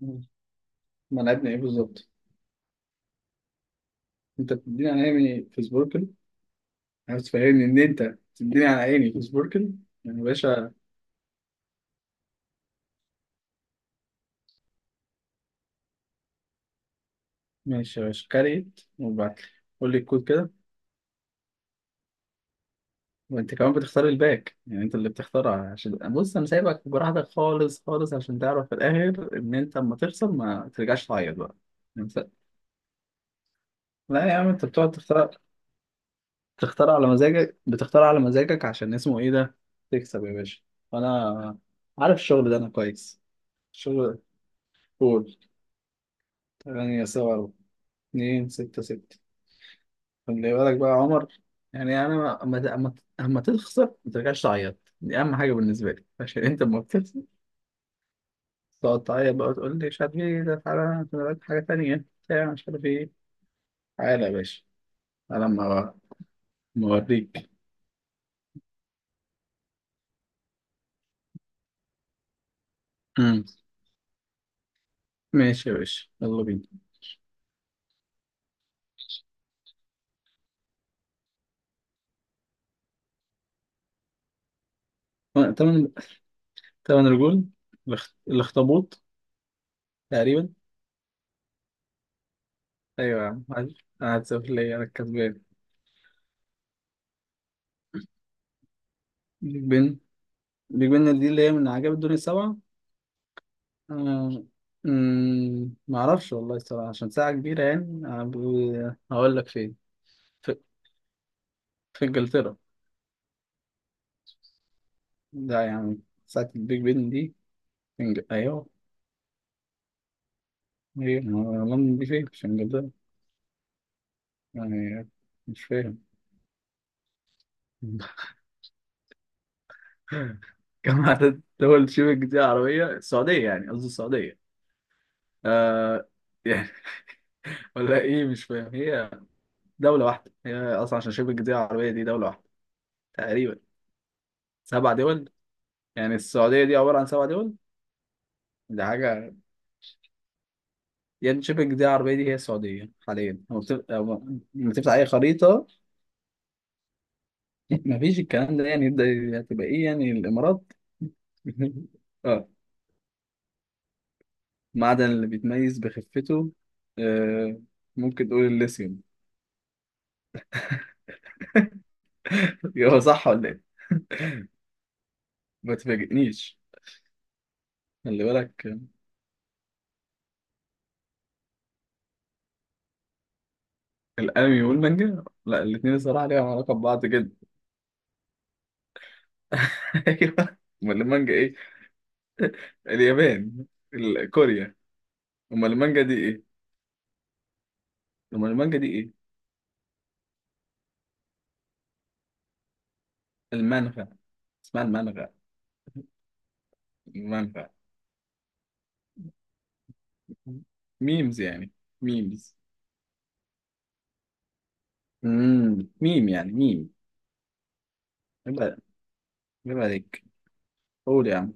مم. ملعبنا ايه بالظبط؟ انت بتديني على عيني في سبوركل؟ عايز تفهمني ان انت تديني على عيني في سبوركل؟ يعني يا باشا، ماشي يا باشا، كاريت وبعت لي. قول لي الكود كده. وانت كمان بتختار الباك، يعني انت اللي بتختارها، عشان بص انا سايبك براحتك خالص عشان تعرف في الاخر ان انت اما تخسر ما ترجعش تعيط بقى. يعني انت- لا يا عم، انت بتقعد تختار، تختار على مزاجك، بتختار على مزاجك عشان اسمه ايه ده. تكسب يا باشا. انا عارف الشغل ده انا كويس، الشغل ده. قول. ثمانية سبعة، اتنين ستة ستة. خلي بالك بقى يا عمر. يعني أنا ما- أما أما أما تخسر ما ترجعش تعيط، دي أهم حاجة بالنسبة لي. عشان أنت أما بتخسر تقعد تعيط بقى وتقول لي مش عارف إيه ده، تعالى أنا وراك حاجة تانية بتاع مش عارف إيه. تعالى يا باشا، تعالى أما أما أوريك. أمم. ماشي يا باشا، يلا بينا. أه، تمن تمن رجول. الأخطبوط تقريبا. أيوة يا عم، عارف. أنا هتسافر، ليا أنا الكسبان. بيج بن. بيج بن دي اللي هي من عجائب الدنيا السبعة. آه، معرفش والله الصراحة، عشان ساعة كبيرة يعني. هقول لك فين. في, في إنجلترا. ده يعني ساعة البيج بن دي في إنج... أيوه. هي ما- لندن دي فين؟ في إنجلترا يعني. مش فاهم. كم عدد دول شبه الجزيرة العربية السعودية؟ يعني قصدي السعودية. آه. يعني ولا إيه؟ مش فاهم. هي دولة واحدة هي أصلا، عشان شبه الجزيرة العربية دي دولة واحدة تقريبا. سبع دول؟ يعني السعودية دي عبارة عن سبع دول؟ دي حاجة. يان شيبنج دي العربية دي هي السعودية حاليا، لما تفتح أي خريطة. مفيش الكلام ده يعني يبدأ. هتبقى إيه يعني، الإمارات؟ آه، معدن اللي بيتميز بخفته. آه، ممكن تقول الليثيوم. هو صح ولا إيه؟ ما تفاجئنيش. خلي بالك. الأنمي والمانجا؟ لا الاتنين الصراحة ليهم علاقة ببعض جدا. أيوه. أمال المانجا إيه؟ اليابان. كوريا. أمال المانجا دي إيه؟ أمال المانجا دي إيه؟ المانغا، اسمها المانغا. المانغا ميمز يعني. ميمز، ميم يعني، ميم. يبقى، يبقى عليك. قول يا عم.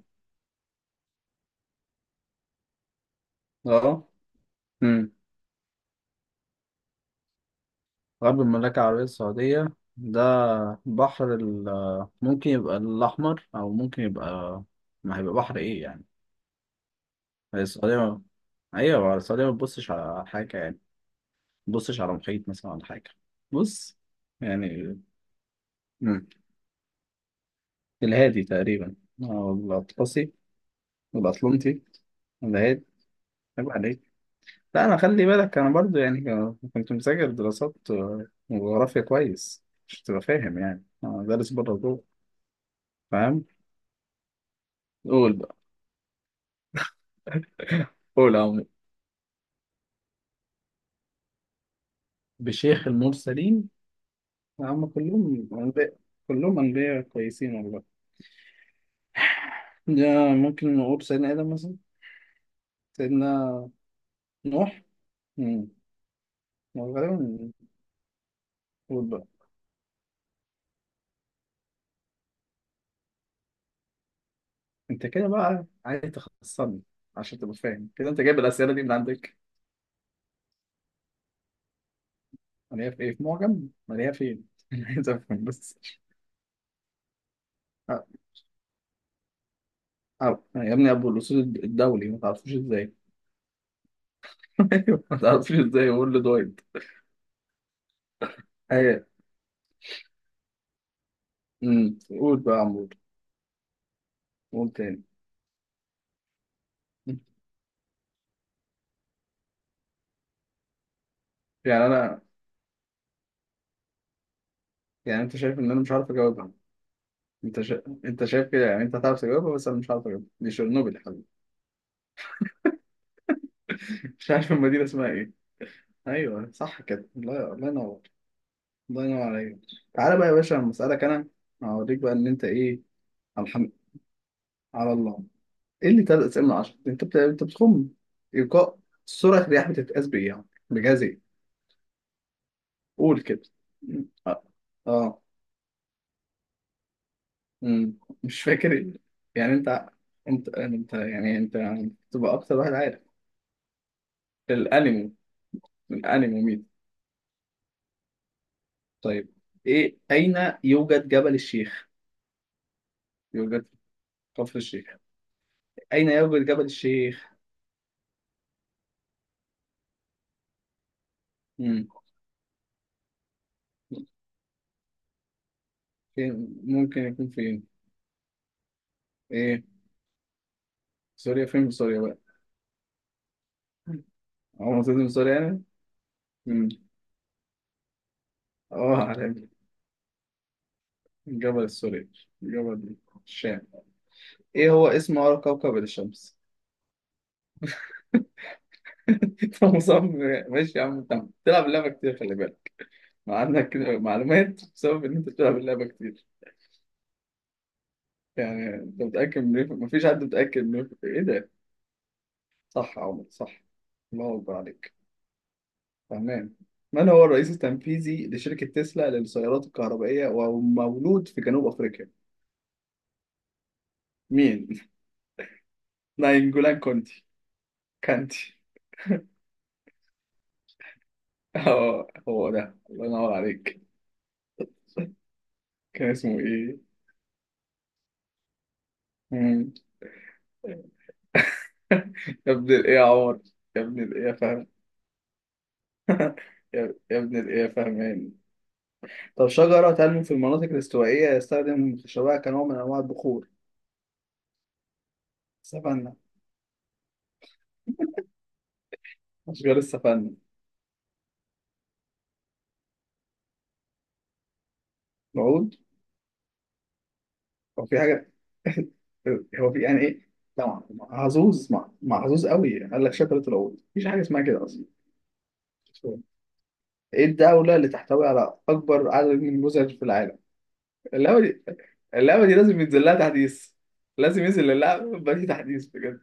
اه. امم، غرب المملكة العربية السعودية ده بحر ال، ممكن يبقى الأحمر أو ممكن يبقى، ما هيبقى بحر إيه يعني. هي السعودية ما- أيوة السعودية ما تبصش على حاجة يعني؟ ما تبصش على محيط مثلا ولا حاجة؟ بص. يعني مم. الهادي تقريبا، أو الأطلسي. الأطلنطي. الهادي. يبقى عليك. لا انا، خلي بالك انا برضو يعني كنت مذاكر دراسات وجغرافيا كويس، مش تبقى فاهم يعني انا دارس بره جوه. فاهم؟ قول بقى. قول أو. بشيخ المرسلين. هم كلهم انبياء. كلهم انبياء كويسين والله. يا ممكن نقول سيدنا ادم مثلا. سيدنا نوح. امم. غالبا. قول بقى. انت كده بقى عايز تخصصني عشان تبقى فاهم كده، انت جايب الاسئله دي من عندك؟ مليها في ايه، في معجم؟ مليها فين؟ عايز افهم بس. أب... يا ابني ابو الاصول الدولي، ما تعرفوش ازاي؟ أيوة، ما تعرفوش ازاي، يقول له دايت. هي. امم، قول بقى يا عمور. قول تاني. يعني انا، يعني انت شايف ان انا مش عارف اجاوبها؟ انت شا... انت شايف كده يعني، انت هتعرف تجاوبها بس انا مش عارف اجاوبها. دي شيرنوبل يا حبيبي. مش عارف المدينه اسمها ايه. ايوه صح كده، الله، الله ينور. الله ينور عليك. تعالى بقى يا باشا لما اسالك انا، هوريك بقى ان انت ايه. على الحمد، على الله. ايه اللي تلات اسئله من عشرة؟ انت بت... انت بتخم ايقاع. سرعه الرياح بتتقاس بايه يعني، بجهاز إيه؟ قول كده. اه. آه. مش فاكر. يعني انت، انت يعني انت تبقى اكتر واحد عارف الانمي. الانمي مين. طيب، ايه اين يوجد جبل الشيخ؟ يوجد كفر الشيخ. اين يوجد جبل الشيخ؟ مم. فين ممكن يكون؟ فين؟ ايه؟ سوريا؟ فين في سوريا بقى؟ هو موجود من سوريا يعني؟ مم. اه عارف. جبل السوري. جبل الشام. ايه هو اسم اقرب كوكب الشمس؟ فمصمم. ماشي يا عم انت، بتلعب اللعبه كتير خلي بالك. ما عندك معلومات بسبب ان انت بتلعب اللعبه كتير. يعني انت متاكد من ايه؟ مفيش حد متاكد من ايه، إيه ده. صح يا عمر، صح. الله اكبر عليك. تمام. من هو الرئيس التنفيذي لشركه تسلا للسيارات الكهربائيه ومولود في جنوب افريقيا؟ مين؟ ناينجولان كونتي. كانتي. اه هو ده، الله ينور عليك. كان اسمه ايه. مم. يا ابن الايه يا عمر. يا ابن الايه يا فهد. يا يا ابن الايه فاهمان. طب، شجرة تنمو في المناطق الاستوائية يستخدم خشبها كنوع من أنواع البخور. سفنة. أشجار السفنة. موجود. هو في حاجة. هو في، يعني إيه؟ طبعا محظوظ قوي، قال لك شجرة العود، مفيش حاجة اسمها كده أصلا. إيه الدولة اللي تحتوي على أكبر عدد من النموذج في العالم؟ اللعبة دي، اللعبة دي لازم ينزل لها تحديث. لازم ينزل للعبة بقى في تحديث بجد.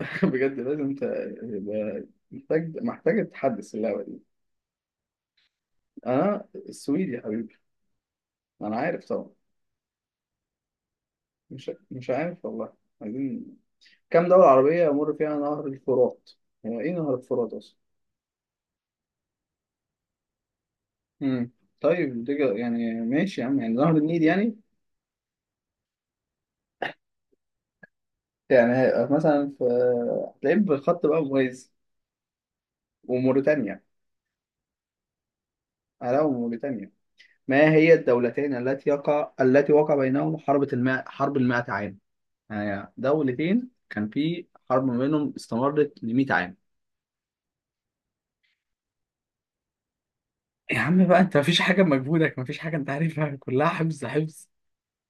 بجد لازم ت... يبقى، محتاج تحدث اللعبة دي. اه السويد يا حبيبي. انا عارف طبعا. مش عارف والله. عايزين، كام دولة عربية يمر فيها نهر الفرات؟ هو ايه نهر الفرات اصلا؟ امم. طيب دي يعني ماشي يا عم، يعني نهر النيل يعني. يعني مثلا في، هتلاقيه بالخط بقى مميز. وموريتانيا. علاوة موريتانيا. ما هي الدولتين التي يقع، التي وقع بينهم حرب الماء، حرب المائة عام. يعني دولتين كان في حرب ما بينهم استمرت لمئة عام. يا عم بقى، انت مفيش حاجة مجهودك، مفيش حاجة انت عارفها، كلها حفظ حفظ.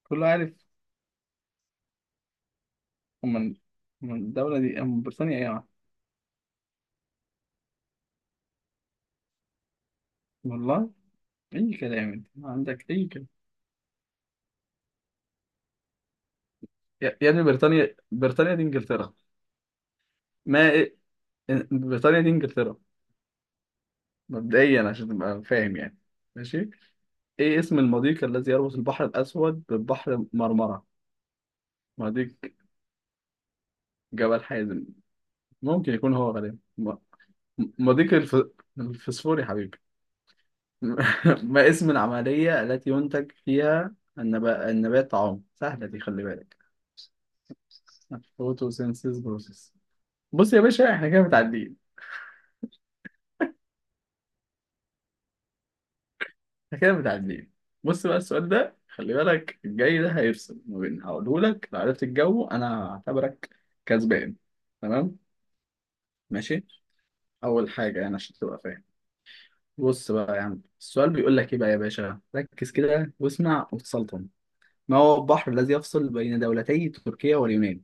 كله عارف. من، من الدولة دي، من بريطانيا؟ ايه يا عم، والله اي كلام، انت ما عندك اي كلام. يا ابني بريطانيا، بريطانيا دي انجلترا. ما إيه؟ بريطانيا دي انجلترا، مبدئيا عشان تبقى فاهم يعني. ماشي. ايه اسم المضيق الذي يربط البحر الاسود ببحر مرمرة؟ مضيق جبل حازم، ممكن يكون هو غالبا م-، مضيق الف... الفسفوري حبيبي. ما اسم العملية التي ينتج فيها النب... النبات طعام؟ سهلة دي، خلي بالك. فوتوسينثيز بروسيس. بص يا باشا احنا كده متعدين. احنا كده متعدين. بص بقى، السؤال ده خلي بالك، الجاي ده هيفصل ما بين، هقوله لك لو عرفت الجو انا هعتبرك كسبان. تمام. ماشي. اول حاجة يعني عشان تبقى فاهم. بص بقى يا عم، السؤال بيقول لك ايه بقى يا باشا، ركز كده واسمع وتسلطن. ما هو البحر الذي يفصل بين دولتي تركيا واليونان؟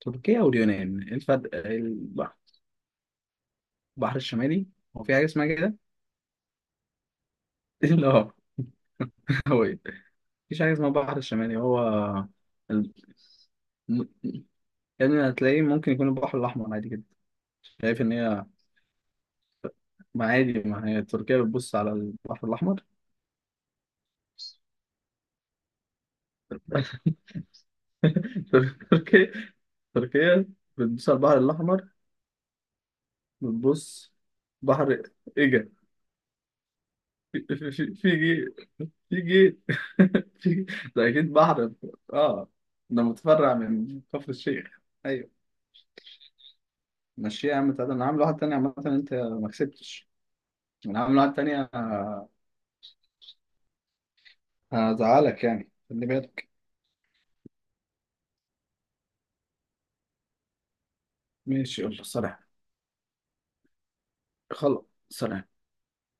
تركيا واليونان، ايه الفرق؟ البحر، البحر الشمالي. هو في حاجة اسمها كده؟ لا. هو إيه؟ مفيش حاجة اسمها البحر الشمالي هو. ال... م-، يعني هتلاقيه ممكن يكون البحر الأحمر عادي جدا. شايف إن هي، ما عادي، ما هي تركيا بتبص على البحر الأحمر. تركيا، تركيا بتبص على البحر الأحمر، بتبص. بحر إيجا. في، في جي. في جي. في، ده أكيد بحر. آه، ده متفرع من كفر الشيخ. أيوه. ماشي يا عم، تعالى انا عامل واحد تاني، عامة انت ما كسبتش. انا عامل واحد تاني ه-، هزعلك يعني، خلي بالك. ماشي، يلا سلام. خلاص. سلام.